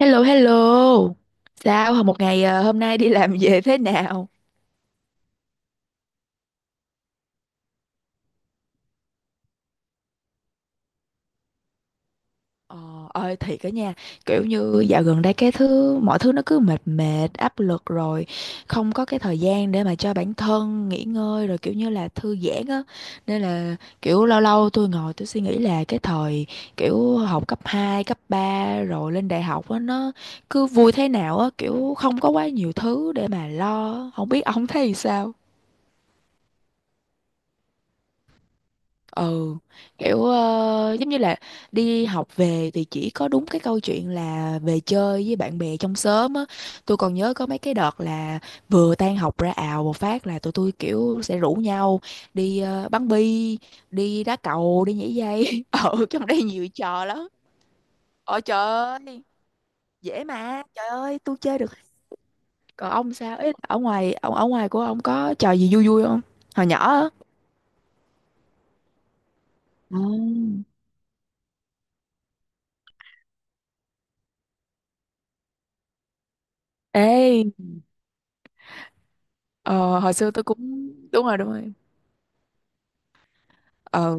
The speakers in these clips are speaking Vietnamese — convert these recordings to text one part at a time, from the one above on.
Hello hello. Sao hồi một ngày hôm nay đi làm về thế nào? Ờ, ơi thiệt cả nha, kiểu như dạo gần đây cái thứ mọi thứ nó cứ mệt mệt, áp lực rồi không có cái thời gian để mà cho bản thân nghỉ ngơi rồi kiểu như là thư giãn á. Nên là kiểu lâu lâu tôi ngồi tôi suy nghĩ là cái thời kiểu học cấp 2, cấp 3 rồi lên đại học á, nó cứ vui thế nào á, kiểu không có quá nhiều thứ để mà lo, không biết ông thấy sao? Ừ, kiểu giống như là đi học về thì chỉ có đúng cái câu chuyện là về chơi với bạn bè trong xóm á. Tôi còn nhớ có mấy cái đợt là vừa tan học ra ào một phát là tụi tôi kiểu sẽ rủ nhau đi bắn bi, đi đá cầu, đi nhảy dây. Ừ, trong đây nhiều trò lắm. Ôi trời ơi, dễ mà, trời ơi, tôi chơi được. Còn ông sao ấy, ở ngoài của ông có trò gì vui vui không, hồi nhỏ á? Không. Ê, ờ, hồi xưa tôi cũng. Đúng rồi, đúng rồi. ờ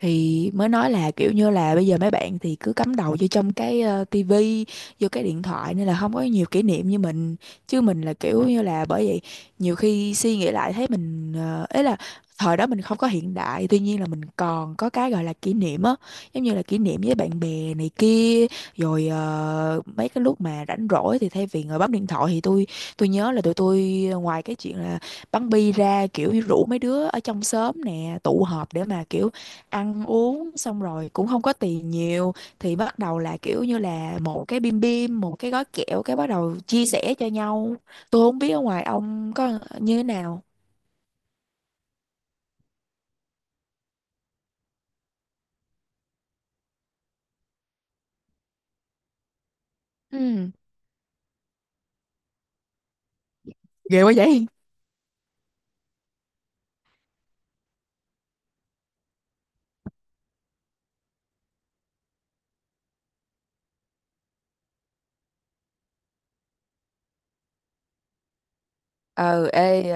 thì mới nói là kiểu như là bây giờ mấy bạn thì cứ cắm đầu vô trong cái tivi, vô cái điện thoại, nên là không có nhiều kỷ niệm như mình. Chứ mình là kiểu như là, bởi vậy nhiều khi suy nghĩ lại thấy mình ấy là, thời đó mình không có hiện đại, tuy nhiên là mình còn có cái gọi là kỷ niệm á. Giống như là kỷ niệm với bạn bè này kia, rồi mấy cái lúc mà rảnh rỗi thì thay vì ngồi bấm điện thoại thì tôi nhớ là tụi tôi, ngoài cái chuyện là bắn bi ra, kiểu như rủ mấy đứa ở trong xóm nè tụ họp để mà kiểu ăn uống, xong rồi cũng không có tiền nhiều thì bắt đầu là kiểu như là một cái bim bim, một cái gói kẹo cái bắt đầu chia sẻ cho nhau. Tôi không biết ở ngoài ông có như thế nào. Ừ. Ghê quá vậy. ờ ê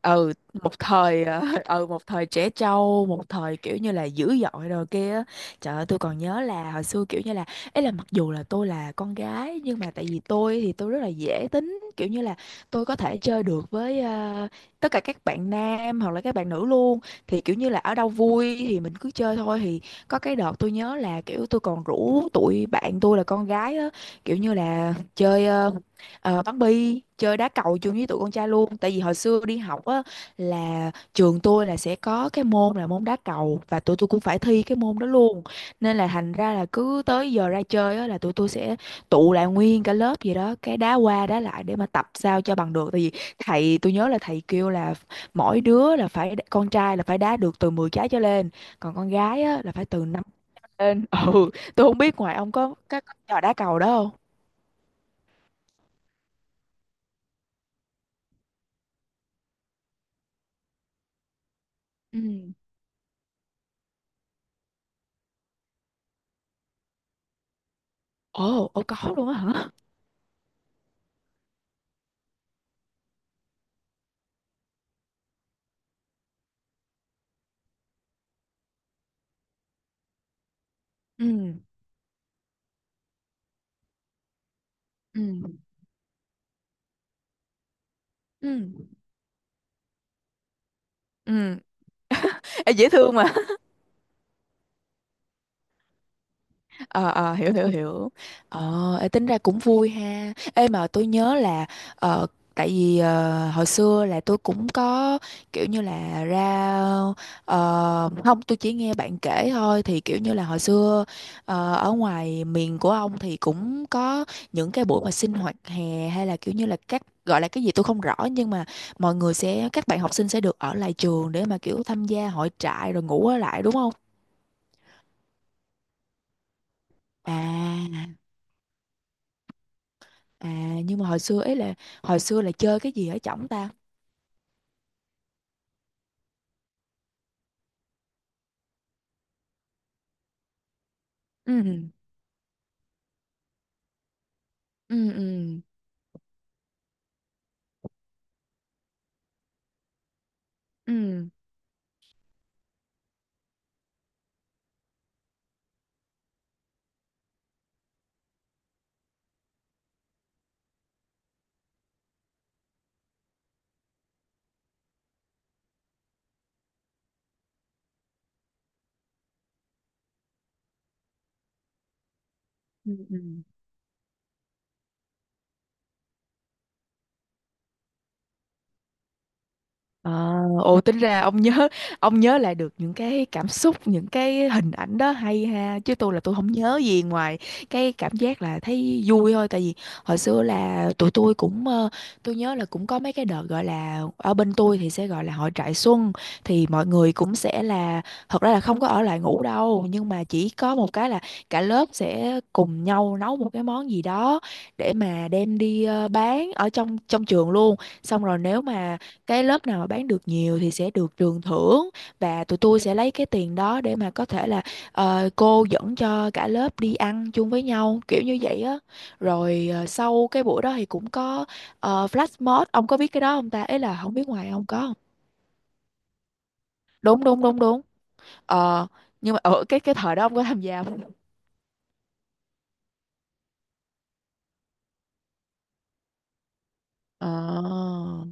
ừ, một thời ừ, một thời trẻ trâu, một thời kiểu như là dữ dội rồi kia á. Trời ơi, tôi còn nhớ là hồi xưa kiểu như là ấy là mặc dù là tôi là con gái, nhưng mà tại vì tôi thì tôi rất là dễ tính, kiểu như là tôi có thể chơi được với tất cả các bạn nam hoặc là các bạn nữ luôn. Thì kiểu như là ở đâu vui thì mình cứ chơi thôi. Thì có cái đợt tôi nhớ là kiểu tôi còn rủ tụi bạn tôi là con gái á, kiểu như là chơi bắn bi, chơi đá cầu chung với tụi con trai luôn. Tại vì hồi xưa đi học á, là trường tôi là sẽ có cái môn là môn đá cầu, và tụi tôi cũng phải thi cái môn đó luôn. Nên là thành ra là cứ tới giờ ra chơi á, là tụi tôi sẽ tụ lại nguyên cả lớp gì đó cái đá qua đá lại để mà tập sao cho bằng được. Tại vì thầy tôi nhớ là thầy kêu là mỗi đứa là phải, con trai là phải đá được từ 10 trái trở lên, còn con gái á là phải từ 5 lên. Ừ, tôi không biết ngoài ông có các trò đá cầu đó không. Ừ. Ồ, ồ, có luôn á hả? Ừ, ừ, ừ, ừ. Ê, dễ thương mà. Ờ, ờ, hiểu hiểu hiểu. Tính ra cũng vui ha. Ê, mà tôi nhớ là ờ, tại vì hồi xưa là tôi cũng có kiểu như là ra, không, tôi chỉ nghe bạn kể thôi, thì kiểu như là hồi xưa ở ngoài miền của ông thì cũng có những cái buổi mà sinh hoạt hè hay là kiểu như là các gọi là cái gì tôi không rõ, nhưng mà mọi người sẽ, các bạn học sinh sẽ được ở lại trường để mà kiểu tham gia hội trại rồi ngủ ở lại đúng không? À. À, nhưng mà hồi xưa là chơi cái gì ở trỏng ta? Ừ. Ừ, ừ. Ừ. Ừ. Ừ. À, ồ, tính ra ông nhớ, ông nhớ lại được những cái cảm xúc, những cái hình ảnh đó hay ha. Chứ tôi là tôi không nhớ gì ngoài cái cảm giác là thấy vui thôi. Tại vì hồi xưa là tụi tôi cũng tôi nhớ là cũng có mấy cái đợt gọi là ở bên tôi thì sẽ gọi là hội trại xuân. Thì mọi người cũng sẽ là, thật ra là không có ở lại ngủ đâu, nhưng mà chỉ có một cái là cả lớp sẽ cùng nhau nấu một cái món gì đó để mà đem đi bán ở trong trong trường luôn. Xong rồi nếu mà cái lớp nào mà bán được nhiều thì sẽ được trường thưởng, và tụi tôi sẽ lấy cái tiền đó để mà có thể là, cô dẫn cho cả lớp đi ăn chung với nhau kiểu như vậy á. Rồi sau cái buổi đó thì cũng có flash mob, ông có biết cái đó không ta, ấy là không biết ngoài ông có không? Đúng đúng đúng đúng. Ờ, nhưng mà ở cái thời đó ông có tham gia không? Ờ.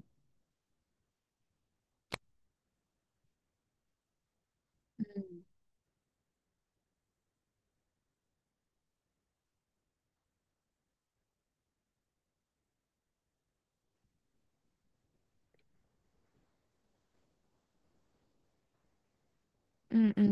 Ừ, ừ.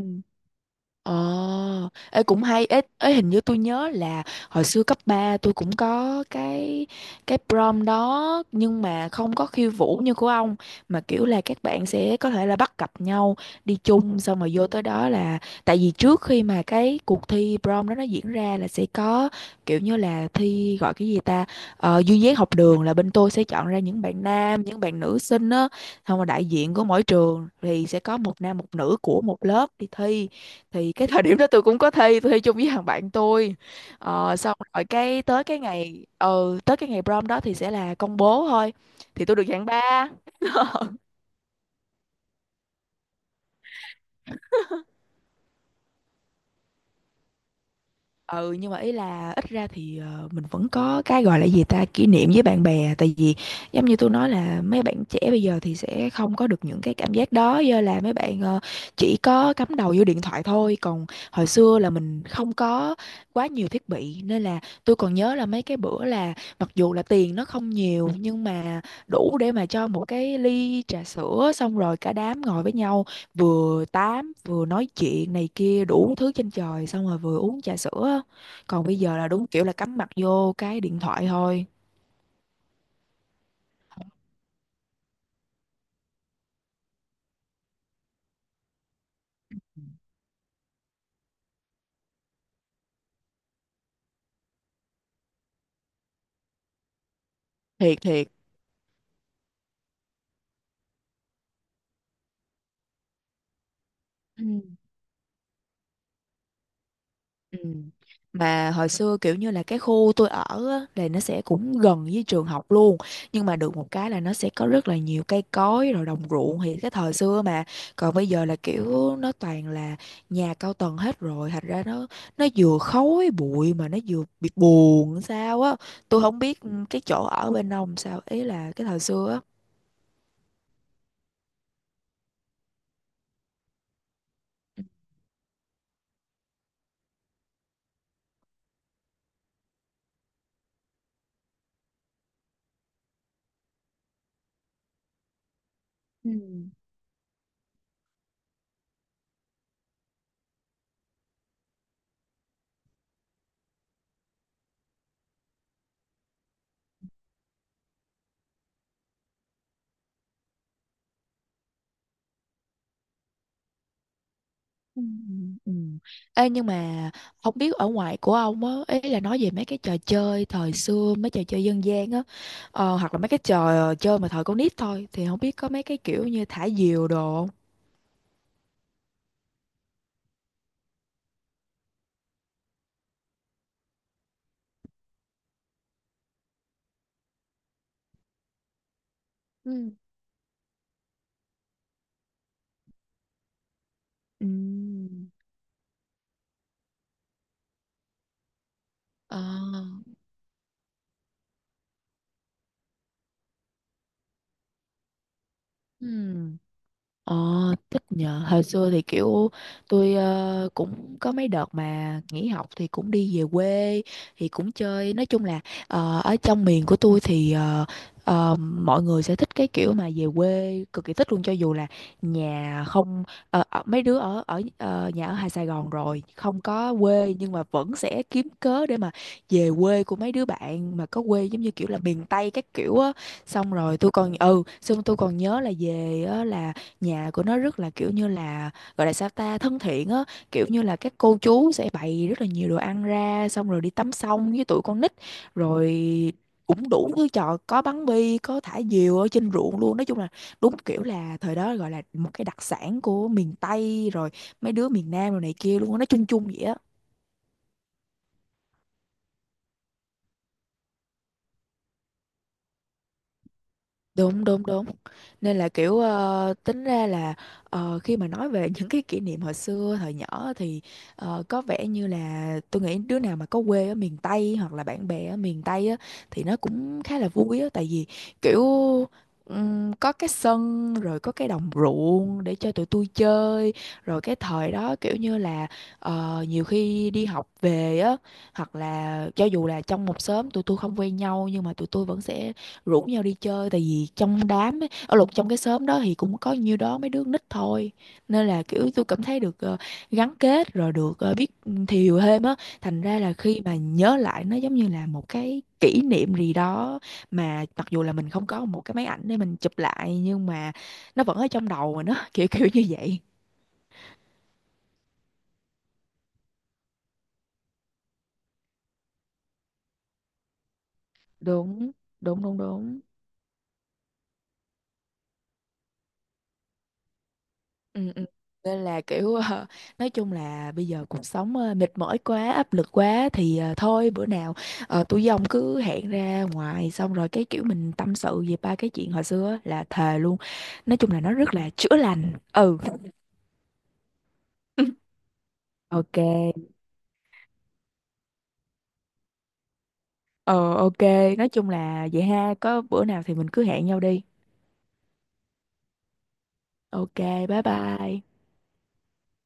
Ờ, ê, cũng hay ấy, ấy hình như tôi nhớ là hồi xưa cấp 3 tôi cũng có cái prom đó, nhưng mà không có khiêu vũ như của ông, mà kiểu là các bạn sẽ có thể là bắt cặp nhau đi chung, xong rồi vô tới đó là, tại vì trước khi mà cái cuộc thi prom đó nó diễn ra là sẽ có kiểu như là thi gọi cái gì ta, duyên dáng học đường, là bên tôi sẽ chọn ra những bạn nam, những bạn nữ xinh á, xong rồi đại diện của mỗi trường thì sẽ có một nam một nữ của một lớp đi thi. Thì cái thời điểm đó tôi cũng có thi, tôi thi chung với thằng bạn tôi. Xong rồi cái tới cái ngày tới cái ngày prom đó thì sẽ là công bố thôi. Thì tôi được hạng ba. Ừ, nhưng mà ý là ít ra thì mình vẫn có cái gọi là gì ta, kỷ niệm với bạn bè. Tại vì giống như tôi nói là mấy bạn trẻ bây giờ thì sẽ không có được những cái cảm giác đó, do là mấy bạn chỉ có cắm đầu vô điện thoại thôi. Còn hồi xưa là mình không có quá nhiều thiết bị, nên là tôi còn nhớ là mấy cái bữa là mặc dù là tiền nó không nhiều, nhưng mà đủ để mà cho một cái ly trà sữa, xong rồi cả đám ngồi với nhau vừa tám vừa nói chuyện này kia đủ thứ trên trời, xong rồi vừa uống trà sữa á. Còn bây giờ là đúng kiểu là cắm mặt vô cái điện thoại thôi. Thiệt thiệt. Ừ. Ừ. Mà hồi xưa kiểu như là cái khu tôi ở á, là nó sẽ cũng gần với trường học luôn, nhưng mà được một cái là nó sẽ có rất là nhiều cây cối rồi đồng ruộng, thì cái thời xưa mà. Còn bây giờ là kiểu nó toàn là nhà cao tầng hết rồi, thành ra nó vừa khói bụi mà nó vừa bị buồn sao á. Tôi không biết ừ, cái chỗ ở bên ông sao, ý là cái thời xưa á. Ừ. Ừ, ừ. Ê, nhưng mà không biết ở ngoài của ông á, ý là nói về mấy cái trò chơi thời xưa, mấy trò chơi dân gian á, hoặc là mấy cái trò chơi mà thời con nít thôi, thì không biết có mấy cái kiểu như thả diều đồ không. Ừ. Ừ. Ờ. Ừ. Ờ, thích nhờ. Hồi xưa thì kiểu tôi cũng có mấy đợt mà nghỉ học thì cũng đi về quê thì cũng chơi. Nói chung là ở trong miền của tôi thì mọi người sẽ thích cái kiểu mà về quê, cực kỳ thích luôn, cho dù là nhà không, ở- mấy đứa ở ở ờ, nhà ở Hà Sài Gòn rồi không có quê, nhưng mà vẫn sẽ kiếm cớ để mà về quê của mấy đứa bạn mà có quê giống như kiểu là miền Tây các kiểu á. Xong rồi tôi còn ừ, xong tôi còn nhớ là về á, là nhà của nó rất là kiểu như là gọi là sao ta, thân thiện á, kiểu như là các cô chú sẽ bày rất là nhiều đồ ăn ra, xong rồi đi tắm sông với tụi con nít. Rồi cũng đủ thứ trò, có bắn bi, có thả diều ở trên ruộng luôn. Nói chung là đúng kiểu là thời đó gọi là một cái đặc sản của miền Tây rồi, mấy đứa miền Nam rồi này kia luôn á, nó chung chung vậy á. Đúng đúng đúng. Nên là kiểu tính ra là khi mà nói về những cái kỷ niệm hồi xưa thời nhỏ thì có vẻ như là tôi nghĩ đứa nào mà có quê ở miền Tây hoặc là bạn bè ở miền Tây á thì nó cũng khá là vui á. Tại vì kiểu có cái sân rồi có cái đồng ruộng để cho tụi tôi chơi. Rồi cái thời đó kiểu như là nhiều khi đi học về á, hoặc là cho dù là trong một xóm tụi tôi không quen nhau, nhưng mà tụi tôi vẫn sẽ rủ nhau đi chơi, tại vì trong đám ấy, ở lục trong cái xóm đó thì cũng có nhiêu đó mấy đứa nít thôi. Nên là kiểu tôi cảm thấy được gắn kết, rồi được biết thiều thêm á. Thành ra là khi mà nhớ lại nó giống như là một cái kỷ niệm gì đó, mà mặc dù là mình không có một cái máy ảnh để mình chụp lại, nhưng mà nó vẫn ở trong đầu mà nó kiểu kiểu như vậy. Đúng đúng đúng đúng. Ừ, ừ. Nên là kiểu nói chung là bây giờ cuộc sống mệt mỏi quá, áp lực quá, thì thôi bữa nào tôi với cứ hẹn ra ngoài, xong rồi cái kiểu mình tâm sự về ba cái chuyện hồi xưa á, là thề luôn. Nói chung là nó rất là chữa lành. Ừ. Ok. Ờ, ok. Nói chung là vậy ha, có bữa nào thì mình cứ hẹn nhau đi. Ok. Bye bye.